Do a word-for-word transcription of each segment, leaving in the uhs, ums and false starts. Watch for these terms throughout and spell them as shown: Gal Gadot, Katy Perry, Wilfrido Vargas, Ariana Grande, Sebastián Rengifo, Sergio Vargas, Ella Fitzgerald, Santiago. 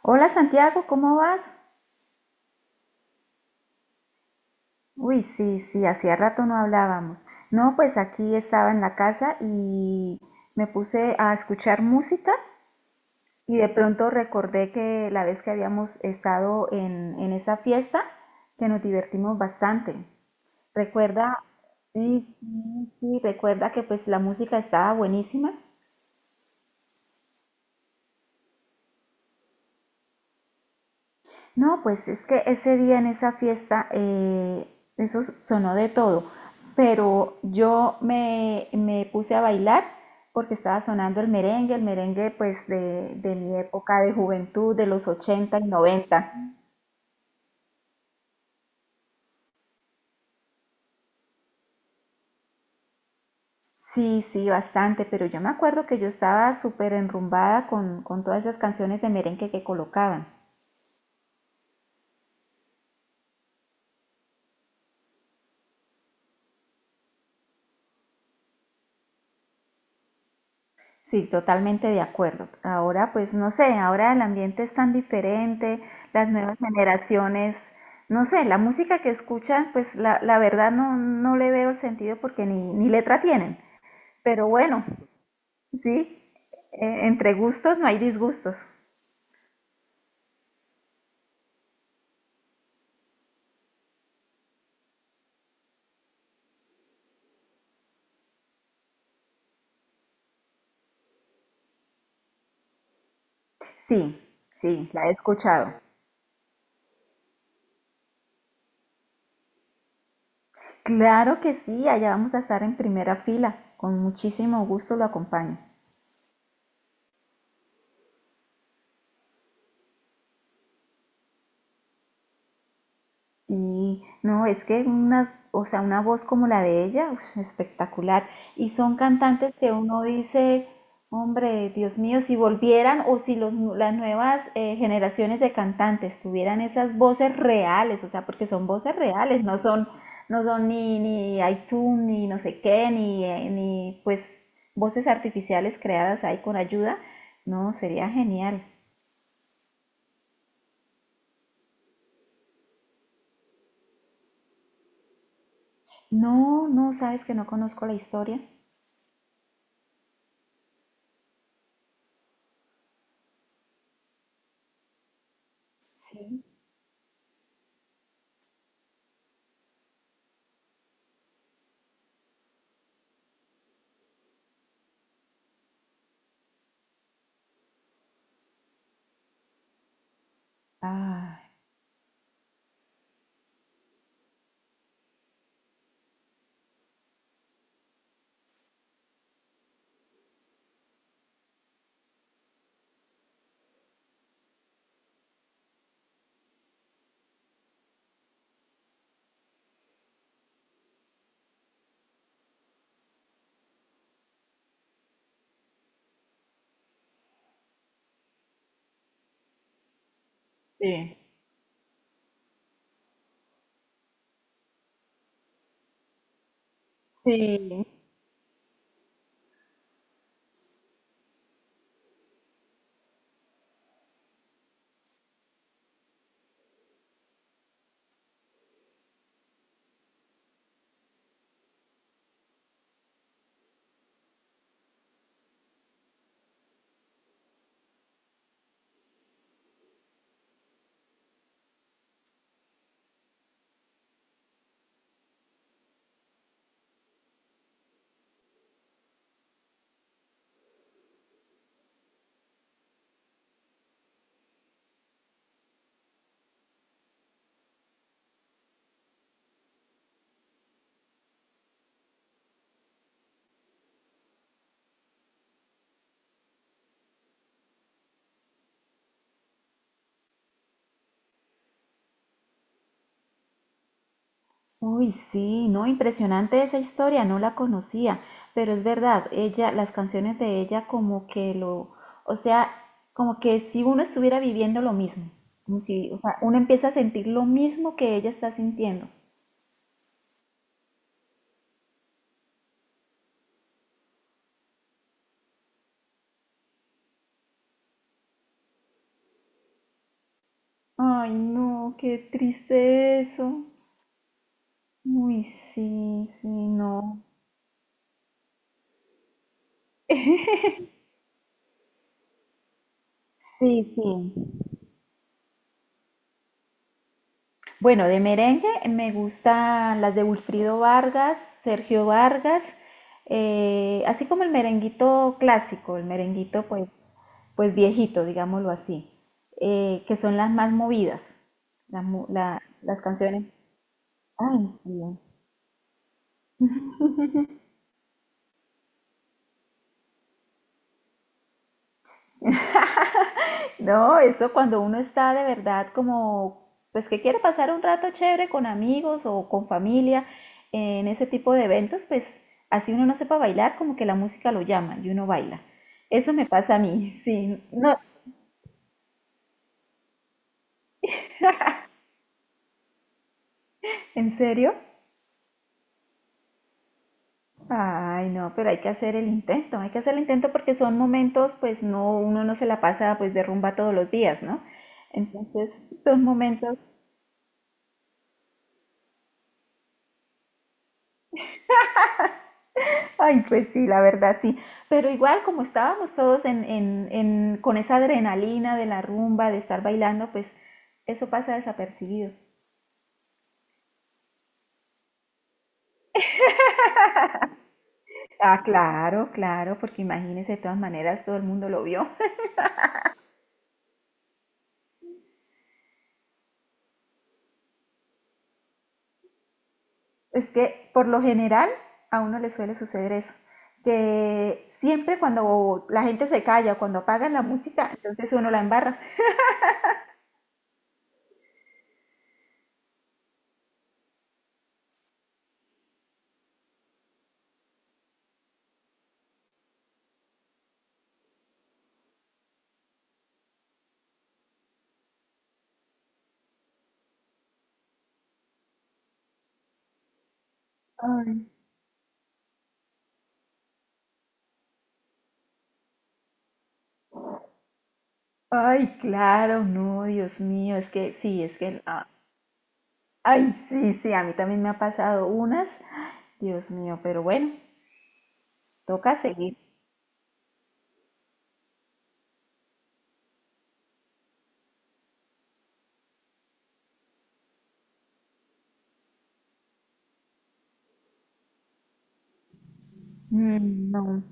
Hola Santiago, ¿cómo vas? Uy, sí, sí, hacía rato no hablábamos. No, pues aquí estaba en la casa y me puse a escuchar música y de pronto recordé que la vez que habíamos estado en, en esa fiesta, que nos divertimos bastante. Recuerda, sí, sí, sí, recuerda que pues la música estaba buenísima. No, pues es que ese día en esa fiesta, eh, eso sonó de todo, pero yo me, me puse a bailar porque estaba sonando el merengue, el merengue pues de, de mi época de juventud, de los ochenta y noventa. Sí, sí, bastante, pero yo me acuerdo que yo estaba súper enrumbada con, con todas esas canciones de merengue que colocaban. Sí, totalmente de acuerdo. Ahora, pues no sé, ahora el ambiente es tan diferente, las nuevas generaciones, no sé, la música que escuchan, pues la, la verdad no no le veo el sentido porque ni, ni letra tienen. Pero bueno, sí, eh, entre gustos no hay disgustos. Sí, sí, la he escuchado. Claro que sí, allá vamos a estar en primera fila. Con muchísimo gusto lo acompaño. Y no, es que unas, o sea, una voz como la de ella, ush, espectacular. Y son cantantes que uno dice, hombre, Dios mío, si volvieran o si los nu- las nuevas eh, generaciones de cantantes tuvieran esas voces reales, o sea, porque son voces reales, no son, no son ni, ni iTunes, ni no sé qué, ni, eh, ni pues voces artificiales creadas ahí con ayuda, no, sería genial. No, no, sabes que no conozco la historia. Sí. Ah. Sí. Sí, uy, sí, no, impresionante esa historia, no la conocía, pero es verdad, ella, las canciones de ella como que lo, o sea, como que si uno estuviera viviendo lo mismo, como si, o sea, uno empieza a sentir lo mismo que ella está sintiendo. Ay, no, qué triste eso. Uy, sí, sí, no. Sí, sí. Bueno, de merengue me gustan las de Wilfrido Vargas, Sergio Vargas, eh, así como el merenguito clásico, el merenguito pues, pues viejito, digámoslo así, eh, que son las más movidas, las, mu- la- las canciones. Ay, sí. No, eso cuando uno está de verdad como, pues que quiere pasar un rato chévere con amigos o con familia en ese tipo de eventos, pues así uno no sepa bailar, como que la música lo llama y uno baila. Eso me pasa a mí, sí. No, ¿en serio? Ay, no, pero hay que hacer el intento, hay que hacer el intento porque son momentos, pues no, uno no se la pasa pues de rumba todos los días, ¿no? Entonces, son momentos. Ay, pues sí, la verdad sí. Pero igual como estábamos todos en, en, en, con esa adrenalina de la rumba, de estar bailando, pues eso pasa desapercibido. Ah, claro, claro, porque imagínese, de todas maneras todo el mundo lo vio. Es que por lo general a uno le suele suceder eso, que siempre cuando la gente se calla, cuando apagan la música, entonces uno la embarra. Ay, ay, claro, no, Dios mío, es que sí, es que ah, ay, sí, sí, a mí también me ha pasado unas. Dios mío, pero bueno, toca seguir. Mm, no,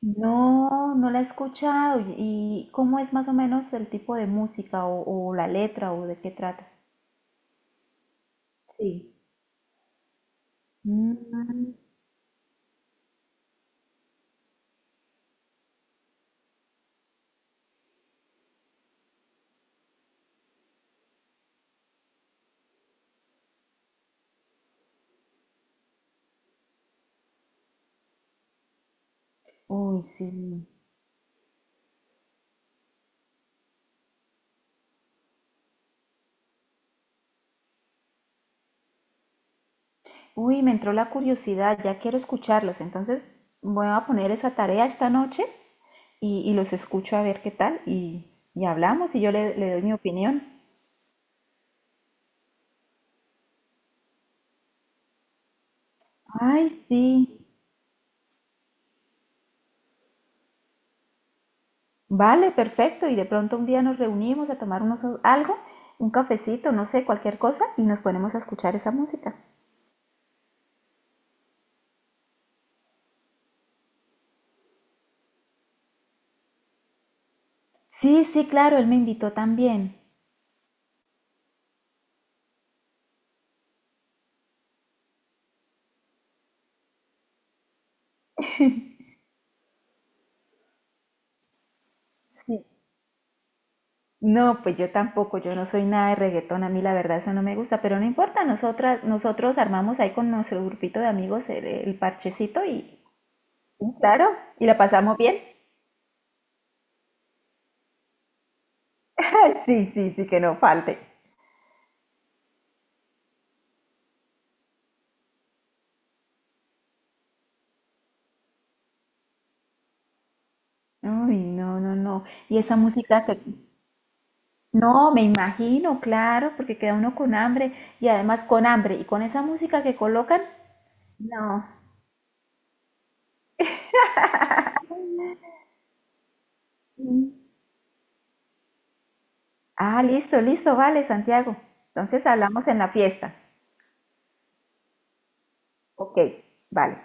no, no la he escuchado. ¿Y y cómo es más o menos el tipo de música o, o la letra o de qué trata? Sí. Mm, uy, sí. Uy, me entró la curiosidad, ya quiero escucharlos. Entonces voy a poner esa tarea esta noche y, y los escucho a ver qué tal y, y hablamos y yo le, le doy mi opinión. Ay, sí. Vale, perfecto. Y de pronto un día nos reunimos a tomar unos algo, un cafecito, no sé, cualquier cosa, y nos ponemos a escuchar esa música. Sí, sí, claro, él me invitó también. Sí. No, pues yo tampoco, yo no soy nada de reggaetón, a mí la verdad eso no me gusta, pero no importa, nosotras, nosotros armamos ahí con nuestro grupito de amigos el, el parchecito y y claro, y la pasamos bien. Sí, sí, sí, que no falte. Uy, no, no, no. Y esa música que, no, me imagino, claro, porque queda uno con hambre y además con hambre y con esa música que colocan, no. Mm. Ah, listo, listo, vale, Santiago. Entonces hablamos en la fiesta. Ok, vale.